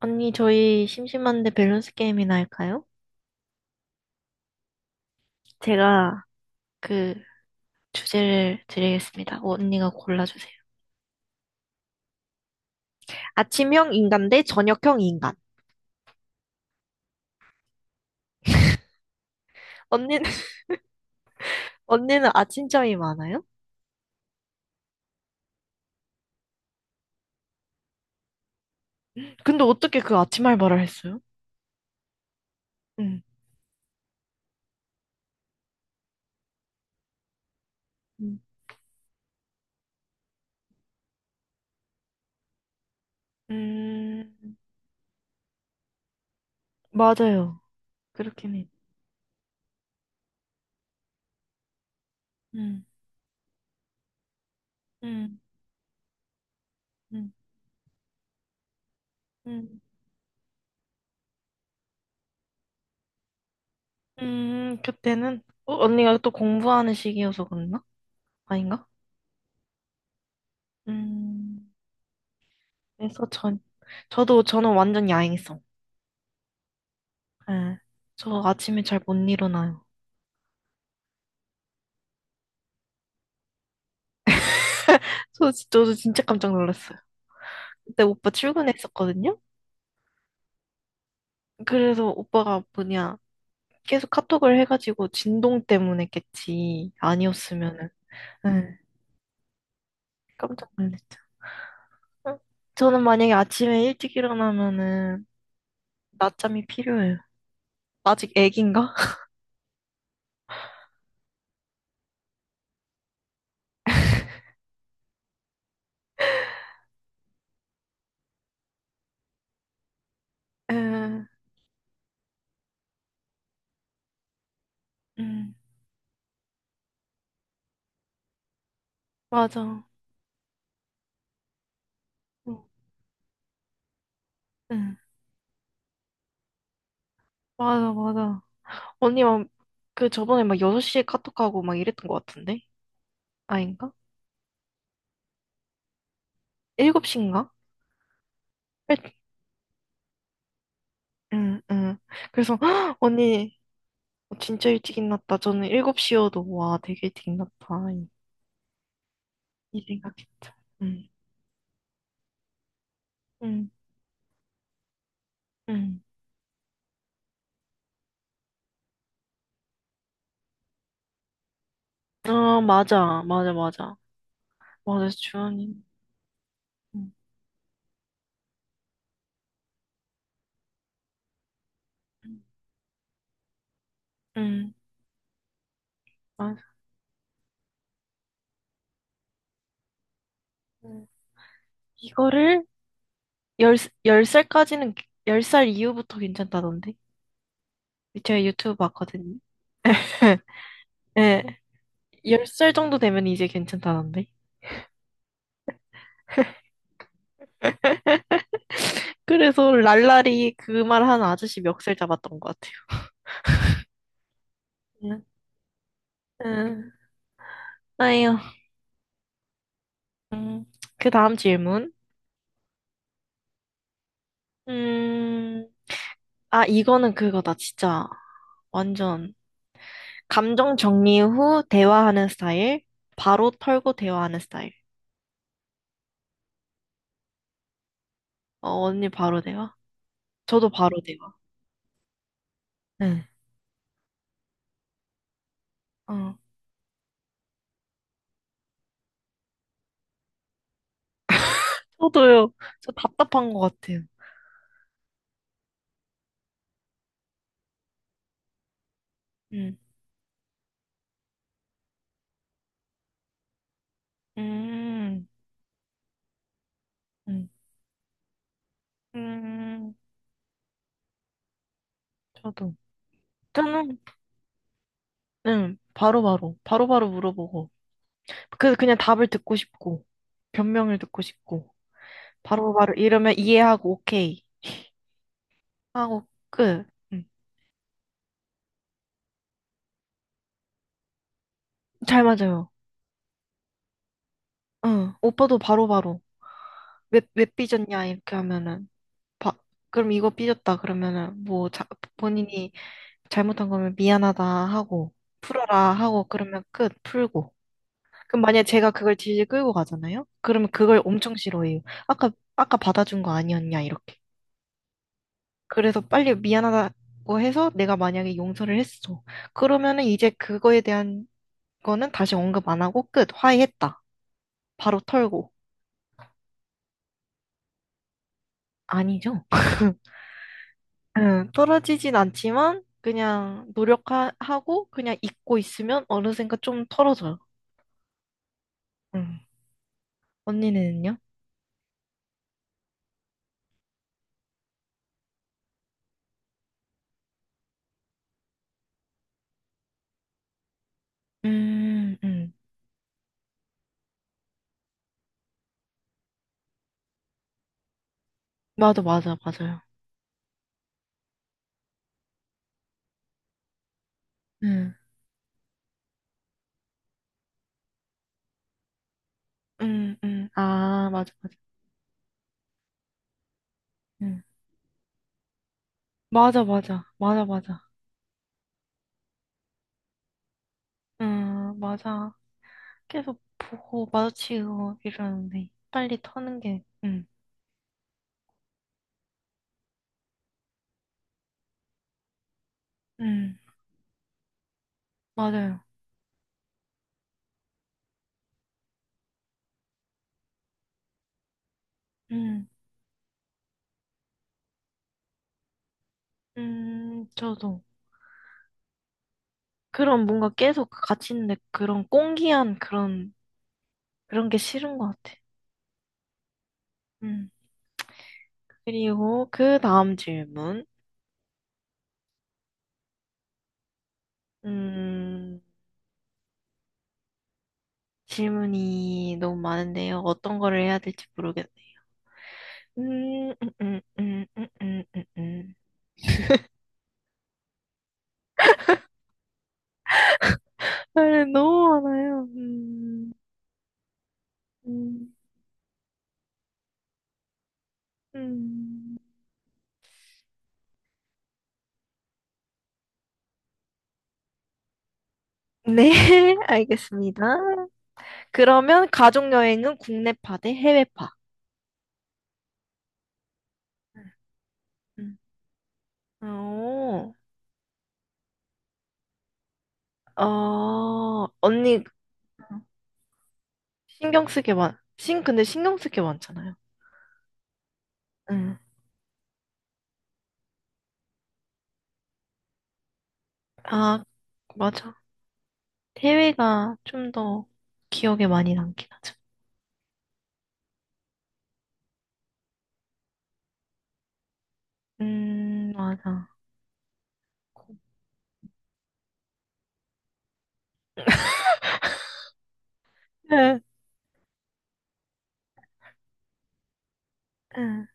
언니, 저희 심심한데 밸런스 게임이나 할까요? 제가 그 주제를 드리겠습니다. 언니가 골라주세요. 아침형 인간 대 저녁형 인간. 언니는, 언니는 아침잠이 많아요? 근데 어떻게 그 아침 알바를 했어요? 응. 음. 음. 맞아요. 그렇긴 해. 음, 음, 음, 음, 그때는, 언니가 또 공부하는 시기여서 그랬나? 아닌가? 음, 그래서 전, 저도, 저는 완전 야행성. 예. 저 아침에 잘 못 일어나요. 저 진짜, 진짜 깜짝 놀랐어요. 그때 오빠 출근했었거든요? 그래서 오빠가 뭐냐, 계속 카톡을 해가지고 진동 때문에겠지. 아니었으면은. 예. 깜짝 놀랐죠. 응. 저는 만약에 아침에 일찍 일어나면은 낮잠이 필요해요. 아직 애긴가? 예. 응, 맞아. 응, 응. 맞아, 맞아. 언니, 막, 그 저번에 막 6시에 카톡하고 막 이랬던 것 같은데? 아닌가? 7시인가? 일- 응, 응. 그래서, "헉, 언니, 진짜 일찍 일어났다. 저는 7시여도, 와, 되게 일찍 일어났다. 이 생각했죠. 응, 응, 응. 아, 맞아, 맞아, 맞아. 맞아, 주원이. 응, 응, 응, 맞아. 응. 이거를 열, 열 살까지는, 10살 이후부터 괜찮다던데? 제가 유튜브 봤거든요. 예, 10살 정도 되면 이제 괜찮다던데? 그래서 랄랄이 그 말한 아저씨 멱살 잡았던 것 같아요. 음, 아유. 음, 그 다음 질문. 음, 아, 이거는 그거다, 진짜. 완전. 감정 정리 후 대화하는 스타일. 바로 털고 대화하는 스타일. 어, 언니 바로 대화? 저도 바로 대화. 응. 어, 저도요. 저 답답한 것 같아요. 음, 음, 음, 음, 저도. 저는, 응 바로바로, 바로바로 물어보고. 그냥 답을 듣고 싶고, 변명을 듣고 싶고. 바로바로 이러면 이해하고 오케이 하고 끝. 응. 잘 맞아요. 응. 오빠도 바로바로 왜, 왜 삐졌냐 이렇게 하면은 바, 그럼 이거 삐졌다 그러면은 뭐 자, 본인이 잘못한 거면 미안하다 하고 풀어라 하고 그러면 끝 풀고. 그럼 만약에 제가 그걸 질질 끌고 가잖아요? 그러면 그걸 엄청 싫어해요. 아까 아까 받아준 거 아니었냐 이렇게. 그래서 빨리 미안하다고 해서 내가 만약에 용서를 했어. 그러면은 이제 그거에 대한 그거는 다시 언급 안 하고 끝. 화해했다. 바로 털고. 아니죠. 응, 털어지진 않지만 그냥 노력하고 그냥 잊고 있으면 어느샌가 좀 털어져요. 응. 언니는요? 음, 음. 맞아, 맞아, 맞아요. 응, 응, 아, 맞아, 맞아. 응. 맞아, 맞아, 맞아, 맞아. 응, 맞아. 계속 보고 마주치고 이러는데 빨리 터는 게, 응, 응, 맞아요. 응, 저도. 그런 뭔가 계속 같이 있는데 그런 꽁기한 그런, 게 싫은 것 같아. 음. 그리고 그 다음 질문. 음, 질문이 너무 많은데요. 어떤 거를 해야 될지 모르겠네요. 음, 음, 음, 음, 음, 음, 음. 아, 너무 많아요. 음, 음. 네, 알겠습니다. 그러면 가족 여행은 국내파 대 해외파. 음. 어, 어, 언니, 신경 쓰게 많, 신, 근데 신경 쓰게 많잖아요. 응. 아, 맞아. 해외가 좀 더 기억에 많이 남긴 하죠. 맞아. 응, 응,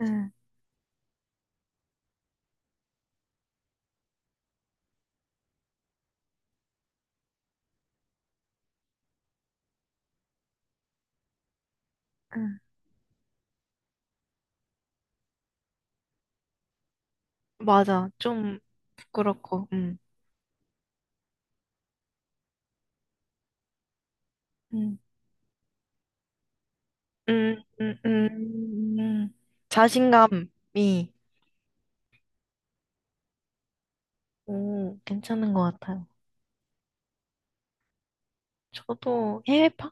응, 응. 맞아. 좀 부끄럽고, 응. 응, 응, 응, 응. 응. 자신감이, 오, 괜찮은 것 같아요. 저도 해외파?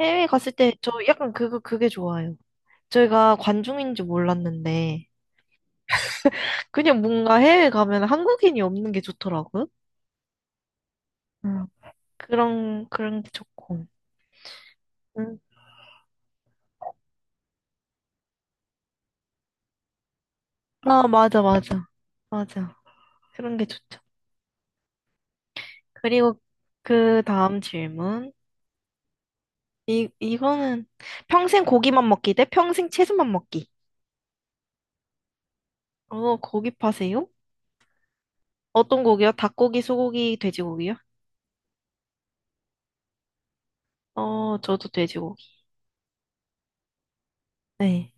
해외 갔을 때 저 약간 그게 좋아요. 저희가 관중인지 몰랐는데, 그냥 뭔가 해외 가면 한국인이 없는 게 좋더라고요. 음. 그런 게 좋고. 음. 아, 맞아, 맞아. 맞아. 그런 게 좋죠. 그리고 그 다음 질문. 이거는 평생 고기만 먹기 대 평생 채소만 먹기. 어, 고기 파세요? 어떤 고기요? 닭고기, 소고기, 돼지고기요? 어, 저도 돼지고기. 네.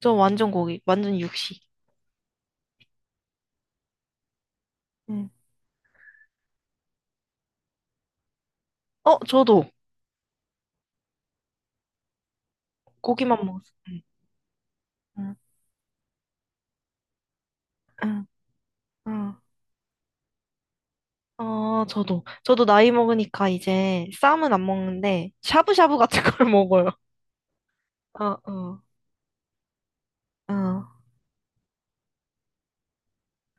저 완전 고기, 완전 육식. 음. 어, 저도 고기만 먹었어요. 음. 응, 응. 아, 저도. 저도 나이 먹으니까 이제 쌈은 안 먹는데, 샤브샤브 같은 걸 먹어요. 어, 어, 어,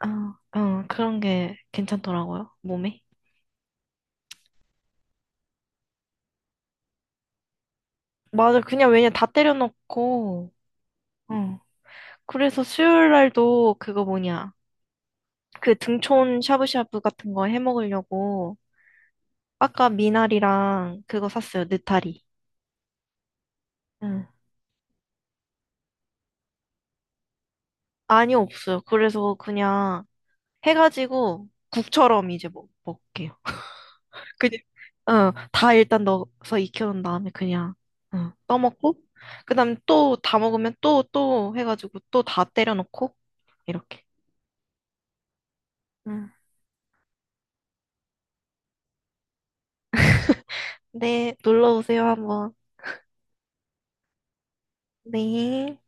어, 어, 그런 게 괜찮더라고요, 몸에. 맞아, 그냥 왜냐, 다 때려 넣고, 어 그래서 수요일 날도 그거 뭐냐, 그 등촌 샤브샤브 같은 거 해 먹으려고, 아까 미나리랑 그거 샀어요, 느타리. 응. 아니, 없어요. 그래서 그냥 해가지고 국처럼 이제 먹게요. 그냥, 어, 다 일단 넣어서 익혀놓은 다음에 그냥, 어, 떠먹고, 그 다음에 또 다 먹으면 또, 또 해가지고 또 다 때려넣고, 이렇게. 응. 네, 놀러 오세요, 한번. 네.